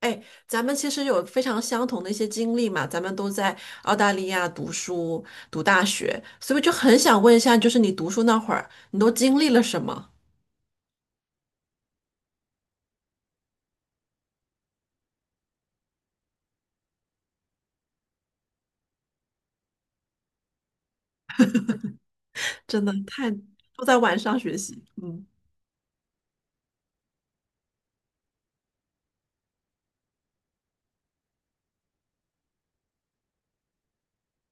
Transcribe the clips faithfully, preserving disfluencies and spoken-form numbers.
哎，咱们其实有非常相同的一些经历嘛，咱们都在澳大利亚读书、读大学，所以就很想问一下，就是你读书那会儿，你都经历了什么？真的太，都在晚上学习。嗯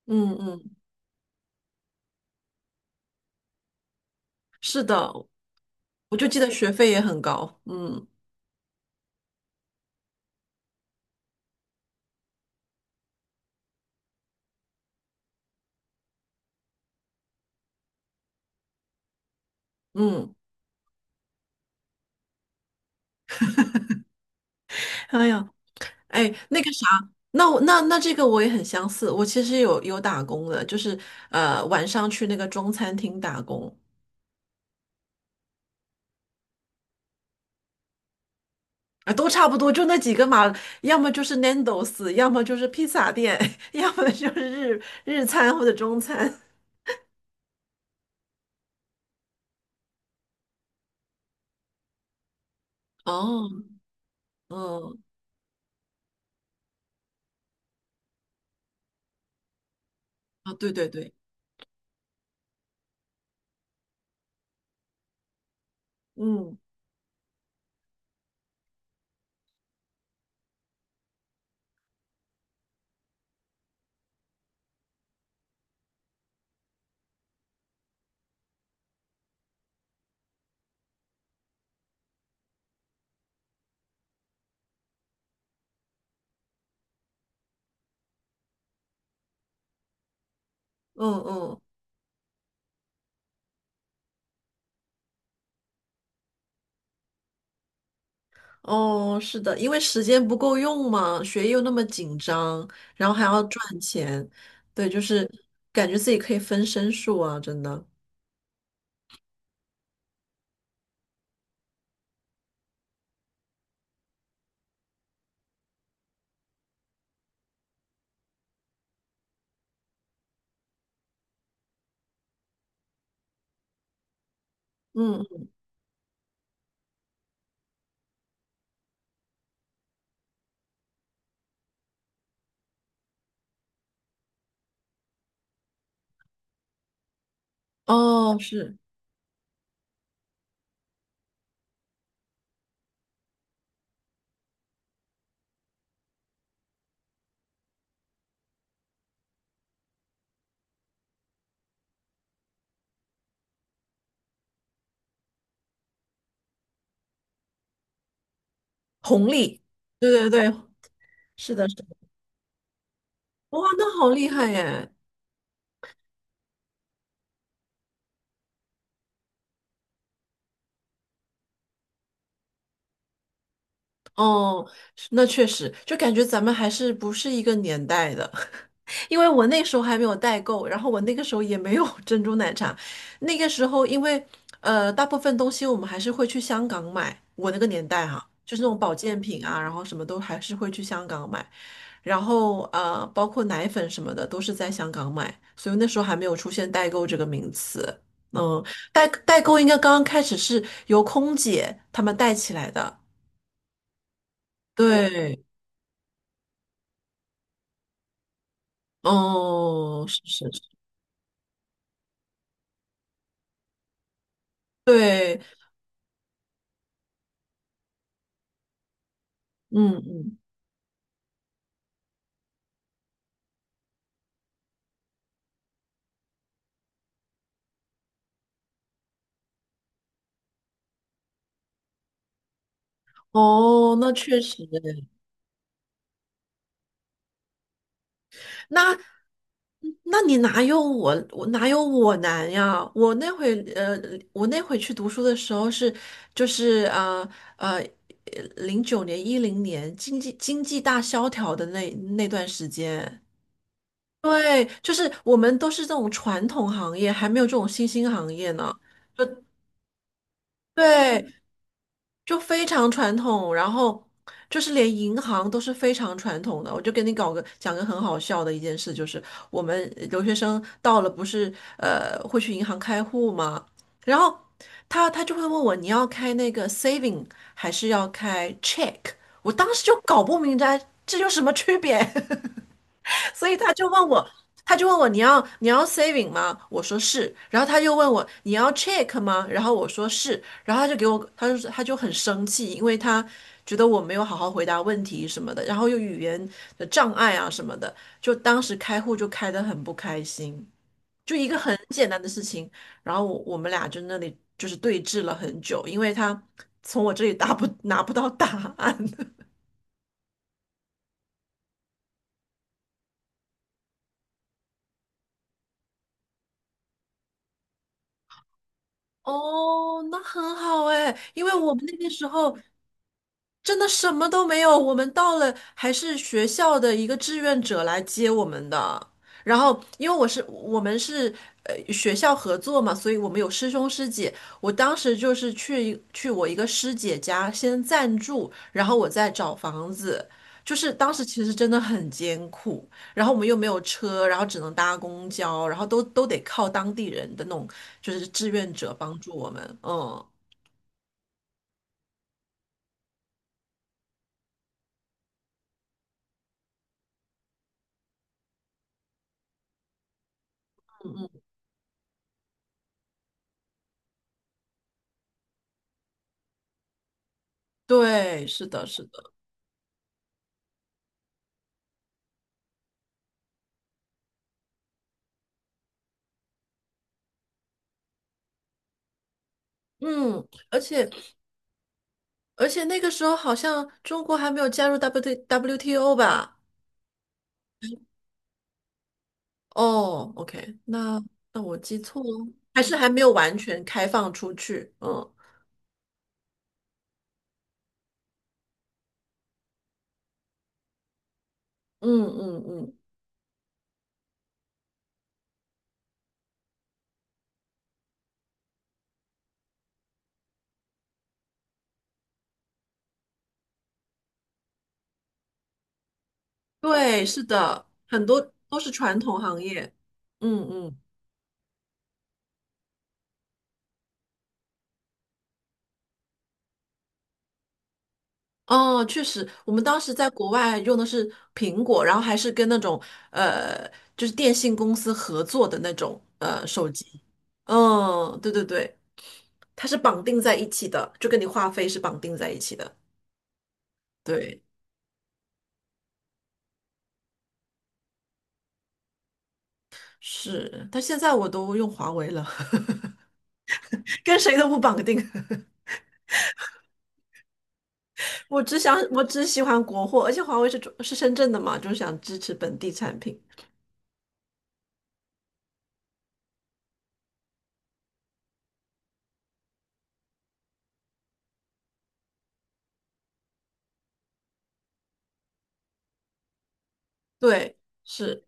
嗯嗯，是的，我就记得学费也很高。嗯嗯，哎呀，哎，那个啥，那我那那这个我也很相似，我其实有有打工的，就是呃晚上去那个中餐厅打工。啊，都差不多，就那几个嘛，要么就是 Nando's，要么就是披萨店，要么就是日日餐或者中餐。哦，嗯，啊，对对对，嗯嗯嗯，哦，是的，因为时间不够用嘛，学业又那么紧张，然后还要赚钱，对，就是感觉自己可以分身术啊，真的。嗯，哦，是红利，对对对，是的，是的，哇，那好厉害耶！哦，是那确实，就感觉咱们还是不是一个年代的，因为我那时候还没有代购，然后我那个时候也没有 珍珠奶茶，那个时候因为呃，大部分东西我们还是会去香港买，我那个年代哈，就是那种保健品啊，然后什么都还是会去香港买，然后呃，包括奶粉什么的都是在香港买，所以那时候还没有出现代购这个名词，嗯，代代购应该刚刚开始是由空姐他们带起来的，对。哦，是是是，对，嗯嗯，哦，那确实诶，那那你哪有我我哪有我难呀？我那会呃，我那会去读书的时候是就是啊呃，呃零九年一零年经济经济大萧条的那那段时间，对，就是我们都是这种传统行业，还没有这种新兴行业呢。就对，就非常传统，然后就是连银行都是非常传统的。我就跟你搞个讲个很好笑的一件事，就是我们留学生到了不是呃会去银行开户吗？然后他他就会问我你要开那个 saving 还是要开 check？我当时就搞不明白这有什么区别。所以他就问我，他就问我你要你要 saving 吗？我说是，然后他又问我你要 check 吗？然后我说是，然后他就给我，他就他就很生气，因为他觉得我没有好好回答问题什么的，然后又语言的障碍啊什么的，就当时开户就开得很不开心，就一个很简单的事情，然后我我们俩就那里就是对峙了很久，因为他从我这里答不拿不到答案。哦，那很好哎，因为我们那个时候，真的什么都没有，我们到了还是学校的一个志愿者来接我们的。然后，因为我是我们是呃学校合作嘛，所以我们有师兄师姐。我当时就是去去我一个师姐家先暂住，然后我再找房子。就是当时其实真的很艰苦，然后我们又没有车，然后只能搭公交，然后都都得靠当地人的那种就是志愿者帮助我们。嗯，对，是的，是的，嗯。而且而且那个时候好像中国还没有加入 W T W T O 吧？哦，OK，那那我记错了，还是还没有完全开放出去。嗯嗯嗯嗯，对，是的，很多都是传统行业。嗯嗯，哦，确实，我们当时在国外用的是苹果，然后还是跟那种呃，就是电信公司合作的那种呃手机。嗯，对对对，它是绑定在一起的，就跟你话费是绑定在一起的。对，是，但现在我都用华为了，跟谁都不绑定。我只想，我只喜欢国货，而且华为是中是深圳的嘛，就是想支持本地产品。对，是，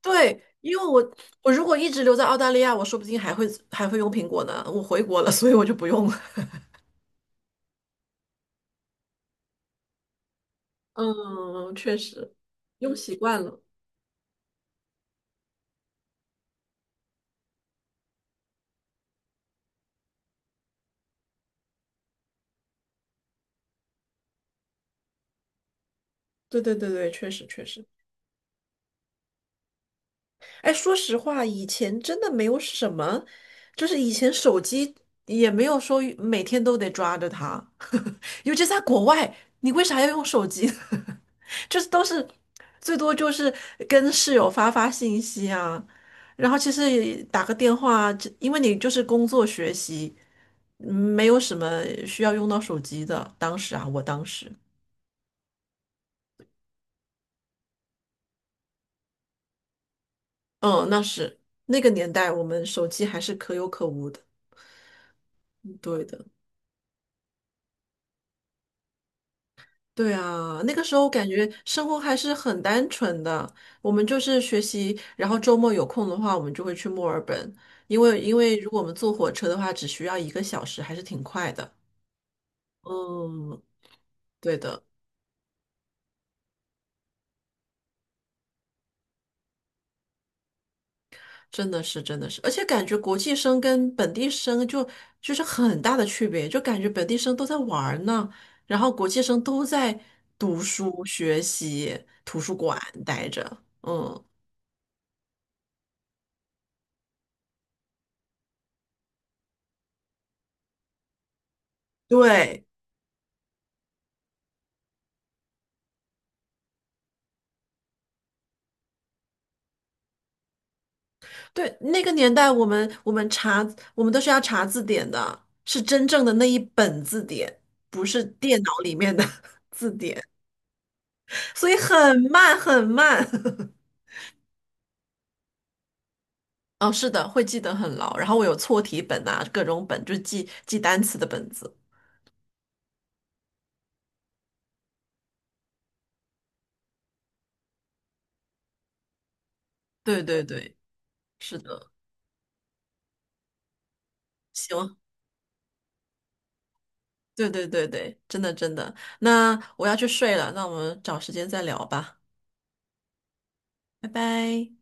对，因为我我如果一直留在澳大利亚，我说不定还会还会用苹果呢。我回国了，所以我就不用了。嗯，确实，用习惯了。对对对对，确实确实。哎，说实话，以前真的没有什么，就是以前手机也没有说每天都得抓着它，尤其在国外，你为啥要用手机呢？就是都是最多就是跟室友发发信息啊，然后其实也打个电话，这因为你就是工作学习，嗯没有什么需要用到手机的。当时啊，我当时，嗯，那是那个年代，我们手机还是可有可无的，对的。对啊，那个时候感觉生活还是很单纯的，我们就是学习，然后周末有空的话，我们就会去墨尔本，因为因为如果我们坐火车的话，只需要一个小时，还是挺快的。嗯，对的，真的是真的是，而且感觉国际生跟本地生就就是很大的区别，就感觉本地生都在玩儿呢，然后国际生都在读书、学习、图书馆待着。嗯，对。对，那个年代我们我们查我们都是要查字典的，是真正的那一本字典，不是电脑里面的 字典，所以很慢很慢。哦，是的，会记得很牢。然后我有错题本啊，各种本，就是记记单词的本子。对对对，是的，行，对对对对，真的真的。那我要去睡了，那我们找时间再聊吧，拜拜。